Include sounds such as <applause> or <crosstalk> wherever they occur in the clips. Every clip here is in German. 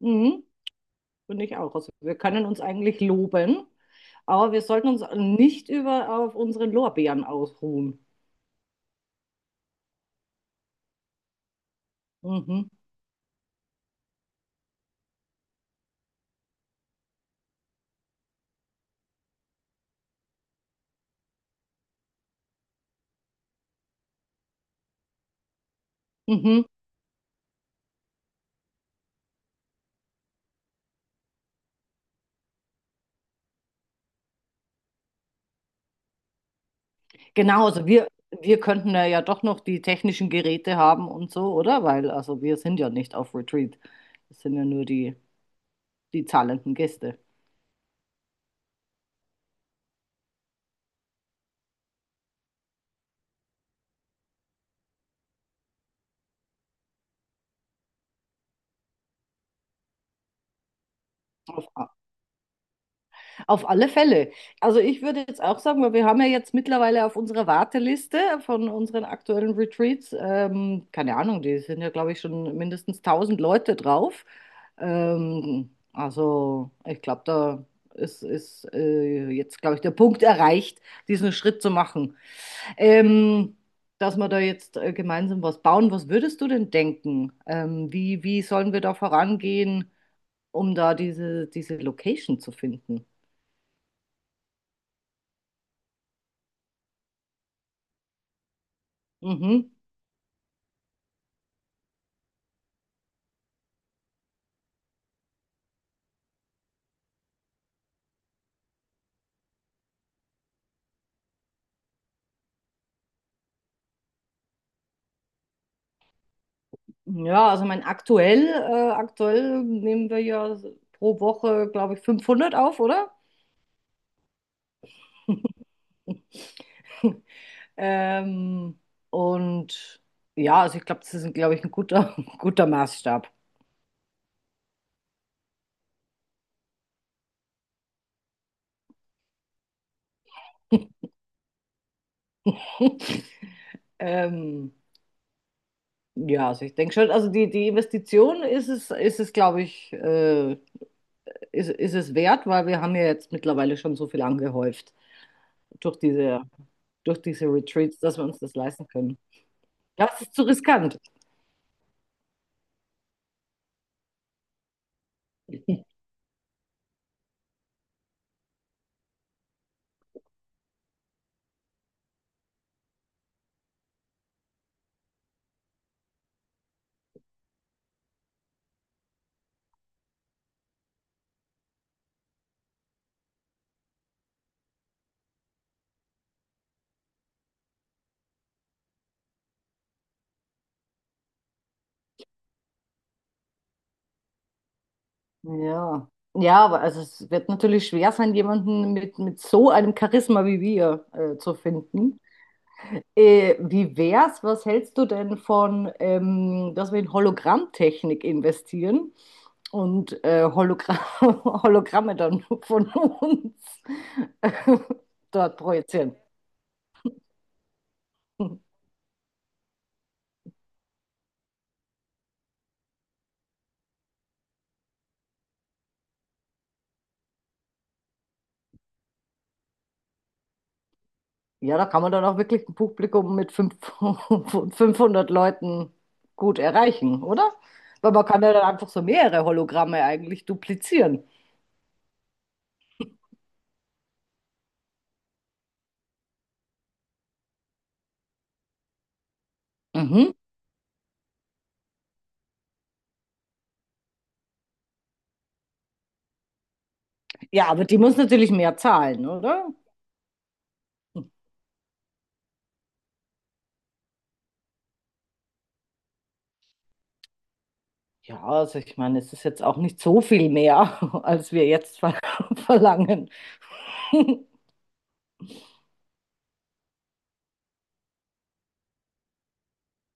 Mhm, finde ich auch. Also wir können uns eigentlich loben, aber wir sollten uns nicht über auf unseren Lorbeeren ausruhen. Mhm, mhm. Genau, also wir könnten ja, ja doch noch die technischen Geräte haben und so, oder? Weil also wir sind ja nicht auf Retreat. Das sind ja nur die zahlenden Gäste. Auf, Auf alle Fälle. Also ich würde jetzt auch sagen, weil wir haben ja jetzt mittlerweile auf unserer Warteliste von unseren aktuellen Retreats, keine Ahnung, die sind ja, glaube ich, schon mindestens 1.000 Leute drauf. Also ich glaube, da ist, ist jetzt, glaube ich, der Punkt erreicht, diesen Schritt zu machen. Ähm, Dass wir da jetzt gemeinsam was bauen. Was würdest du denn denken? Wie, wie sollen wir da vorangehen, um da diese Location zu finden? Mhm. Ja, also mein aktuell, aktuell nehmen wir ja pro Woche, glaube ich, 500 auf, oder? <laughs> Ähm, und ja, also ich glaube, das ist, glaube ich, ein guter, <laughs> guter Maßstab. <laughs> Ähm, ja, also ich denke schon, also die Investition ist es, glaube ich, ist, ist es wert, weil wir haben ja jetzt mittlerweile schon so viel angehäuft durch durch diese Retreats, dass wir uns das leisten können. Das ist zu riskant. Ja. Ja, aber also es wird natürlich schwer sein, jemanden mit so einem Charisma wie wir zu finden. Wie wär's? Was hältst du denn von, dass wir in Hologrammtechnik investieren und Hologra <laughs> Hologramme dann von uns <laughs> dort projizieren? Ja, da kann man dann auch wirklich ein Publikum mit fünf- <laughs> 500 Leuten gut erreichen, oder? Weil man kann ja dann einfach so mehrere Hologramme eigentlich duplizieren. Mhm. Ja, aber die muss natürlich mehr zahlen, oder? Ja, also ich meine, es ist jetzt auch nicht so viel mehr, <laughs> als wir jetzt ver <laughs> verlangen. <laughs>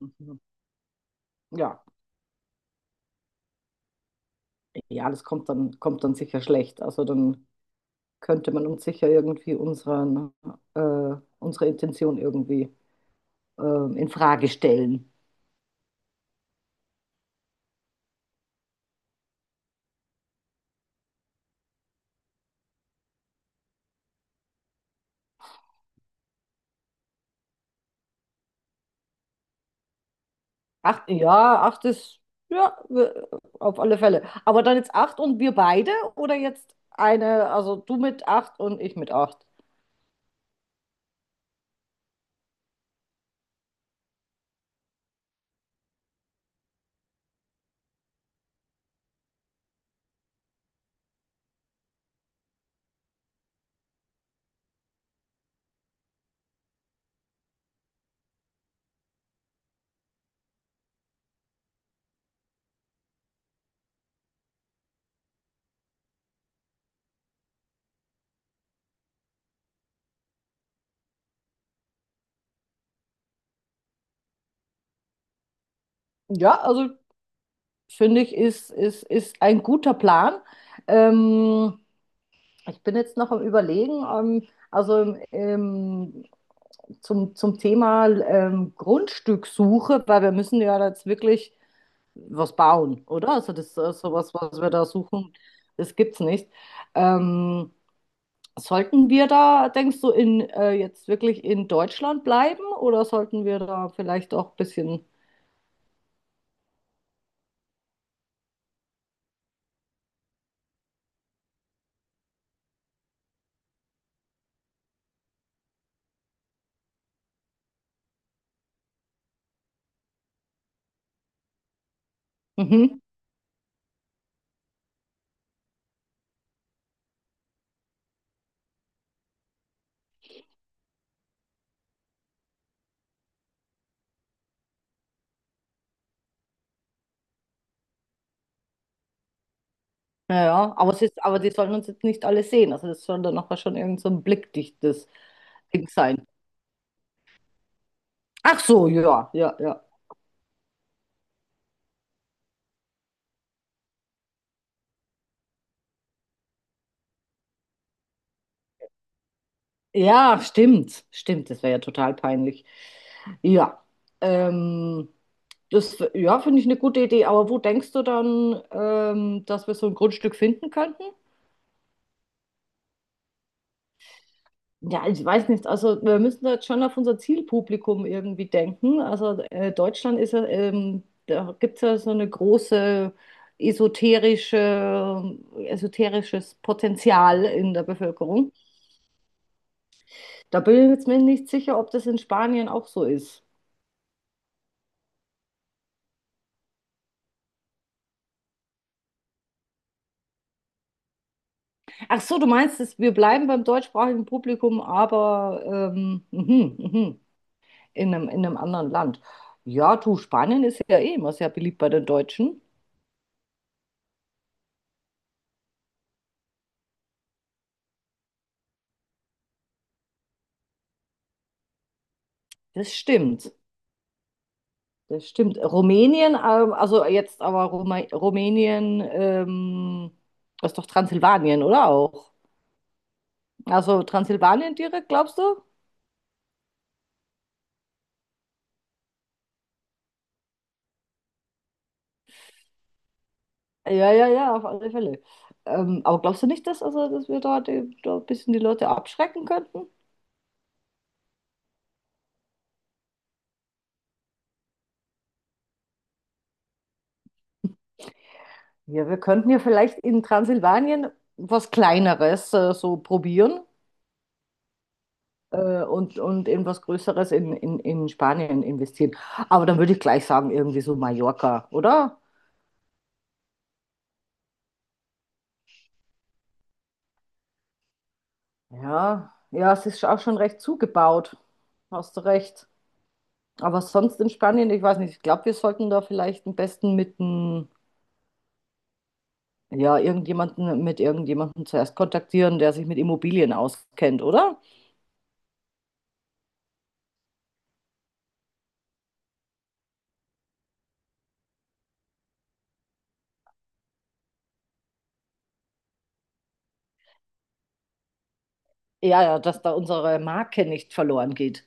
Mhm. Ja, ja, das kommt dann sicher schlecht. Also dann könnte man uns sicher irgendwie unseren, unsere Intention irgendwie in Frage stellen. Acht, ja, acht ist, ja, wir- auf alle Fälle. Aber dann jetzt acht und wir beide oder jetzt eine, also du mit acht und ich mit acht? Ja, also finde ich, ist ein guter Plan. Ähm, ich bin jetzt noch am Überlegen, also zum, zum Thema Grundstückssuche, weil wir müssen ja jetzt wirklich was bauen, oder? Also das sowas, was wir da suchen, das gibt's nicht. Ähm, sollten wir da, denkst du, in, jetzt wirklich in Deutschland bleiben oder sollten wir da vielleicht auch ein bisschen... mhm. Ja, ja, aber es ist, aber die sollen uns jetzt nicht alle sehen. Also das soll dann nachher schon irgend so ein blickdichtes Ding sein. Ach so, ja, ja, ja. Ja, stimmt. Stimmt, das wäre ja total peinlich. Ja. Ähm, das, ja, finde ich eine gute Idee. Aber wo denkst du dann, dass wir so ein Grundstück finden könnten? Ja, ich weiß nicht. Also wir müssen da jetzt schon auf unser Zielpublikum irgendwie denken. Also Deutschland ist ja, da gibt es ja so eine große esoterische, esoterisches Potenzial in der Bevölkerung. Da bin ich jetzt mir nicht sicher, ob das in Spanien auch so ist. Ach so, du meinst, dass wir bleiben beim deutschsprachigen Publikum, aber mhm, mhm, in in einem anderen Land. Ja, du, Spanien ist ja eh immer sehr beliebt bei den Deutschen. Das stimmt. Das stimmt. Rumänien, also jetzt aber Ruma Rumänien, das ist doch Transsilvanien, oder auch? Also Transsilvanien direkt, glaubst du? Ja, ja, ja, auf alle Fälle. Aber glaubst du nicht, dass, also, dass wir da, da ein bisschen die Leute abschrecken könnten? Ja, wir könnten ja vielleicht in Transsilvanien was Kleineres so probieren und in was Größeres in Spanien investieren. Aber dann würde ich gleich sagen, irgendwie so Mallorca, oder? Ja, ja, es ist auch schon recht zugebaut. Hast du recht. Aber sonst in Spanien, ich weiß nicht, ich glaube, wir sollten da vielleicht am besten mit n- ja, irgendjemanden, mit irgendjemanden zuerst kontaktieren, der sich mit Immobilien auskennt, oder? Ja, ja, dass da unsere Marke nicht verloren geht.